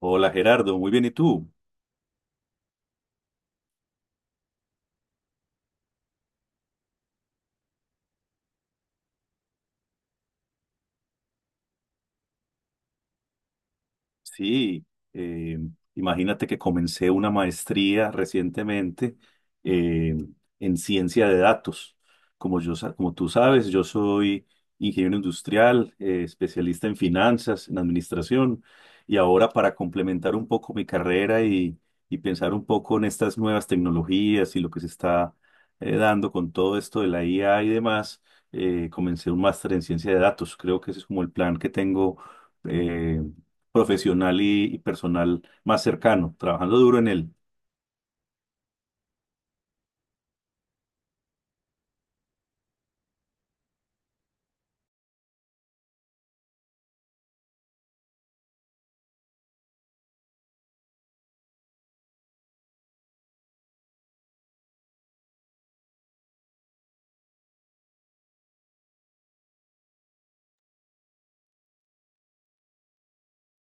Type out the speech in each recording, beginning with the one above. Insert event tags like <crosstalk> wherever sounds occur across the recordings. Hola Gerardo, muy bien, ¿y tú? Sí, eh, imagínate que comencé una maestría recientemente, eh, en ciencia de datos. Como yo, como tú sabes, yo soy ingeniero industrial, especialista en finanzas, en administración, y ahora para complementar un poco mi carrera y pensar un poco en estas nuevas tecnologías y lo que se está dando con todo esto de la IA y demás, comencé un máster en ciencia de datos. Creo que ese es como el plan que tengo, eh, profesional y personal, más cercano, trabajando duro en él.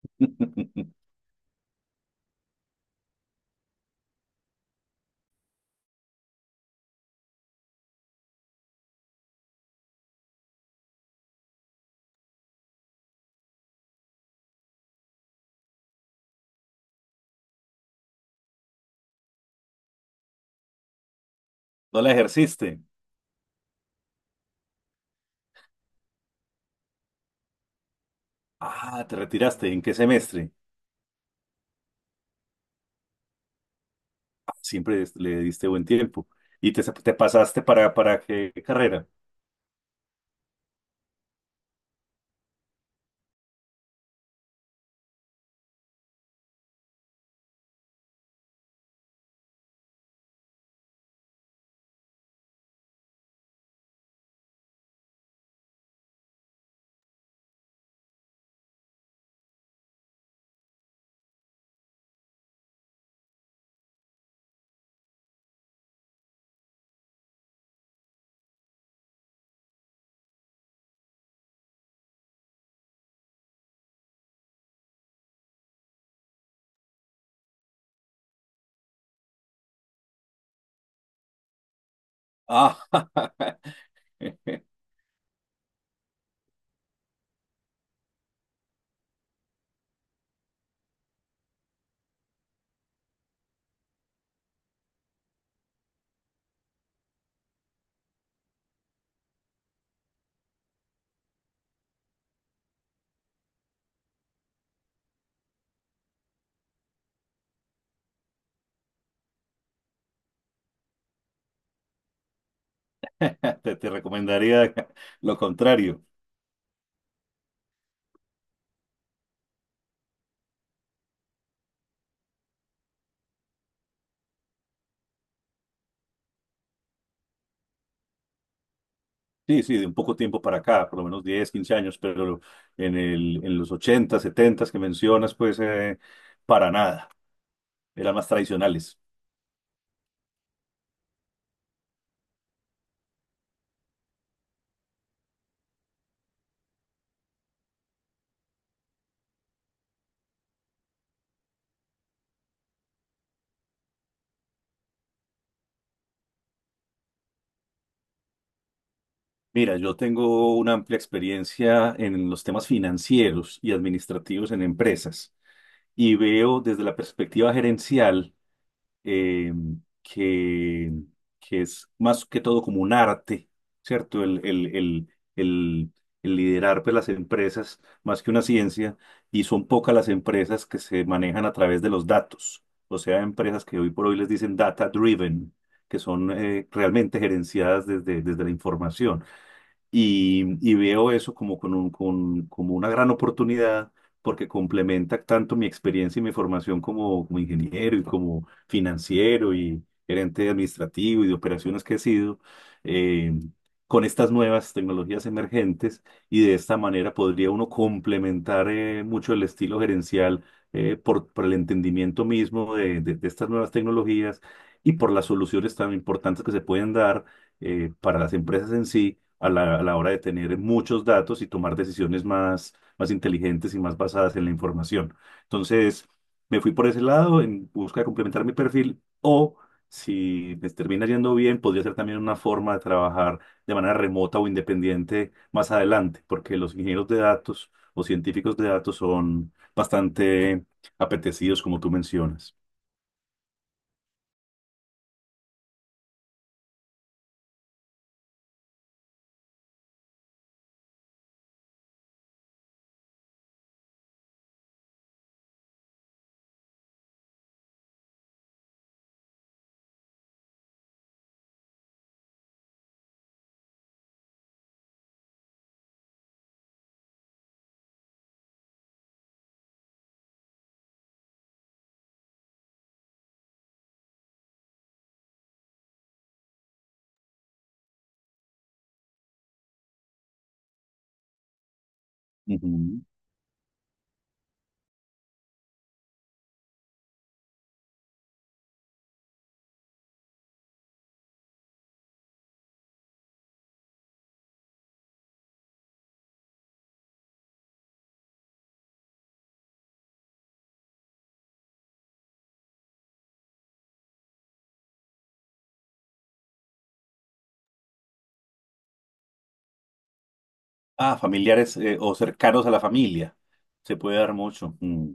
<laughs> No la ejerciste. Ah, te retiraste. ¿En qué semestre? Ah, le diste buen tiempo. ¿Y te pasaste para qué carrera? Ah, <laughs> te recomendaría lo contrario. Sí, sí, de un poco tiempo para acá, por lo menos 10 15 años, pero en los 80 70 que mencionas, pues para nada. Eran más tradicionales. Mira, yo tengo una amplia experiencia en los temas financieros y administrativos en empresas, y veo desde la perspectiva gerencial eh, que, que es más que todo como un arte, ¿cierto? El, el liderar, pues, las empresas, más que una ciencia. Y son pocas las empresas que se manejan a través de los datos, o sea, empresas que hoy por hoy les dicen data driven, que son realmente gerenciadas desde la información, y veo eso como, como una gran oportunidad, porque complementa tanto mi experiencia y mi formación como, como ingeniero y como financiero y gerente administrativo y de operaciones que he sido, eh, con estas nuevas tecnologías emergentes. Y de esta manera podría uno complementar mucho el estilo gerencial, por el entendimiento mismo de estas nuevas tecnologías y por las soluciones tan importantes que se pueden dar, para las empresas en sí a a la hora de tener muchos datos y tomar decisiones más, más inteligentes y más basadas en la información. Entonces, me fui por ese lado en busca de complementar mi perfil, o si me termina yendo bien, podría ser también una forma de trabajar de manera remota o independiente más adelante, porque los ingenieros de datos o científicos de datos son bastante apetecidos, como tú mencionas. Ujú. Ah, familiares, o cercanos a la familia. Se puede dar mucho.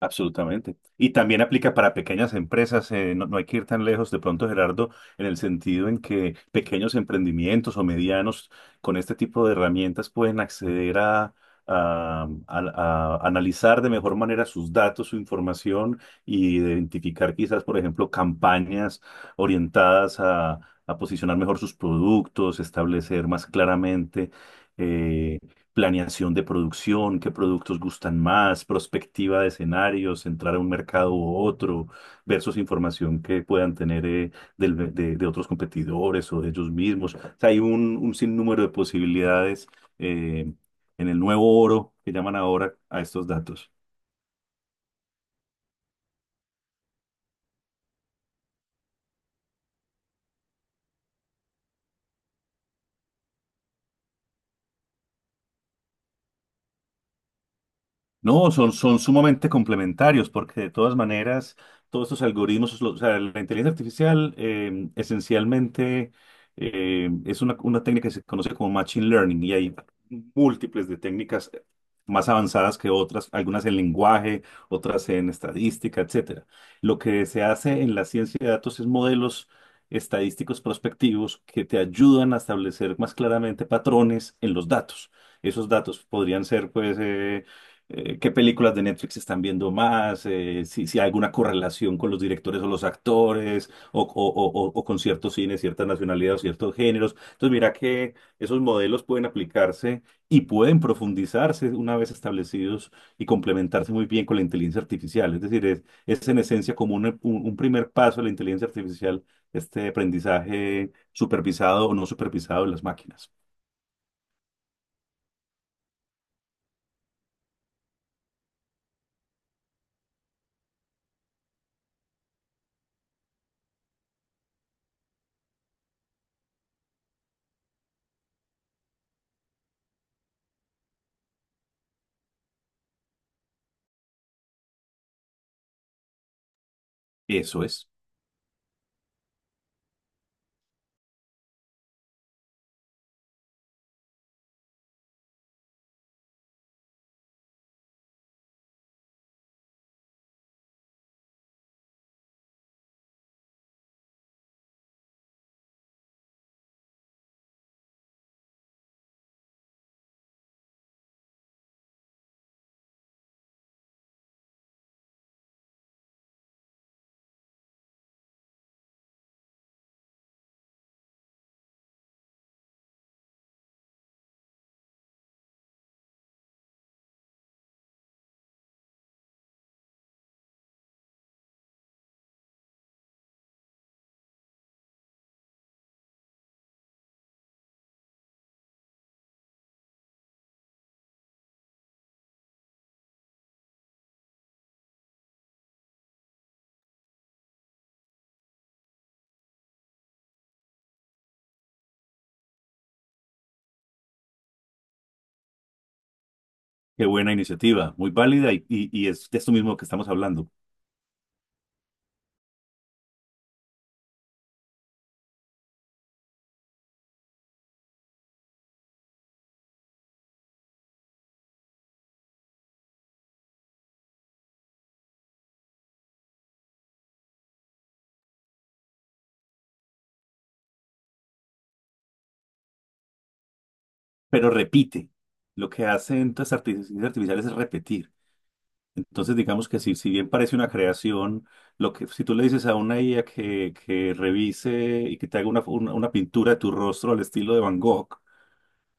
Absolutamente. Y también aplica para pequeñas empresas. No hay que ir tan lejos de pronto, Gerardo, en el sentido en que pequeños emprendimientos o medianos, con este tipo de herramientas, pueden acceder a analizar de mejor manera sus datos, su información, y identificar quizás, por ejemplo, campañas orientadas a posicionar mejor sus productos, establecer más claramente, eh, planeación de producción, qué productos gustan más, prospectiva de escenarios, entrar a un mercado u otro, versus información que puedan tener, de otros competidores o de ellos mismos. O sea, hay un sinnúmero de posibilidades, eh, en el nuevo oro que llaman ahora a estos datos. No, son, son sumamente complementarios porque de todas maneras todos estos algoritmos, o sea, la inteligencia artificial, esencialmente, es una técnica que se conoce como machine learning, y hay múltiples de técnicas más avanzadas que otras, algunas en lenguaje, otras en estadística, etcétera. Lo que se hace en la ciencia de datos es modelos estadísticos prospectivos que te ayudan a establecer más claramente patrones en los datos. Esos datos podrían ser, pues, qué películas de Netflix están viendo más, si hay alguna correlación con los directores o los actores, o con ciertos cines, ciertas nacionalidades o ciertos géneros. Entonces, mira que esos modelos pueden aplicarse y pueden profundizarse una vez establecidos, y complementarse muy bien con la inteligencia artificial. Es decir, es en esencia como un primer paso de la inteligencia artificial, este aprendizaje supervisado o no supervisado de las máquinas. Eso es. Qué buena iniciativa, muy válida, y es de esto mismo que estamos hablando. Pero repite, lo que hacen las inteligencias artificiales es repetir. Entonces, digamos que si bien parece una creación, lo que, si tú le dices a una IA que revise y que te haga una pintura de tu rostro al estilo de Van Gogh,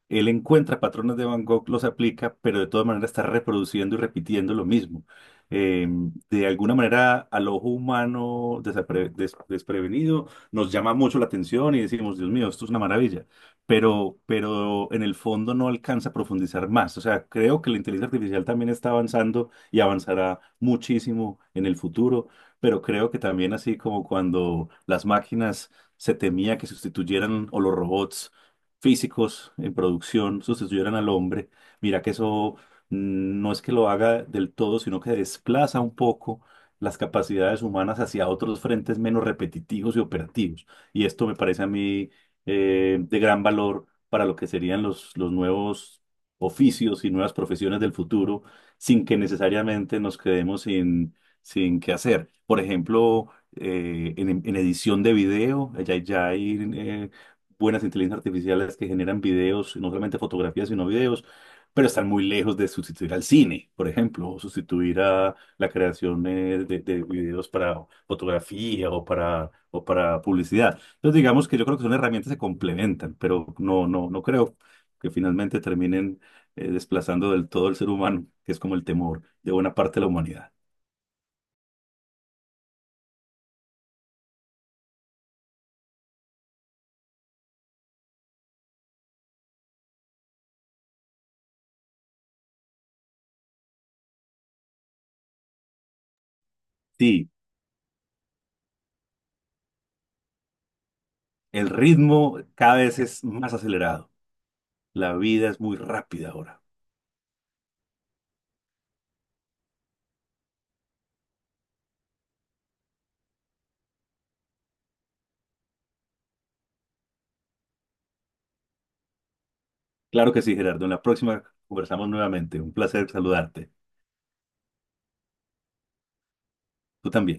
él encuentra patrones de Van Gogh, los aplica, pero de todas maneras está reproduciendo y repitiendo lo mismo. Eh, de alguna manera, al ojo humano desprevenido, nos llama mucho la atención y decimos, Dios mío, esto es una maravilla. Pero en el fondo no alcanza a profundizar más. O sea, creo que la inteligencia artificial también está avanzando y avanzará muchísimo en el futuro, pero creo que también, así como cuando las máquinas se temía que sustituyeran, o los robots físicos en producción sustituyeran al hombre, mira que eso, no es que lo haga del todo, sino que desplaza un poco las capacidades humanas hacia otros frentes menos repetitivos y operativos. Y esto me parece a mí, de gran valor para lo que serían los nuevos oficios y nuevas profesiones del futuro, sin que necesariamente nos quedemos sin qué hacer. Por ejemplo, en edición de video, ya hay buenas inteligencias artificiales que generan videos, y no solamente fotografías, sino videos, pero están muy lejos de sustituir al cine, por ejemplo, o sustituir a la creación de videos para fotografía, o para publicidad. Entonces, digamos que yo creo que son herramientas que se complementan, pero no creo que finalmente terminen desplazando del todo el ser humano, que es como el temor de buena parte de la humanidad. Sí, el ritmo cada vez es más acelerado. La vida es muy rápida ahora. Claro que sí, Gerardo. En la próxima conversamos nuevamente. Un placer saludarte. Tú también.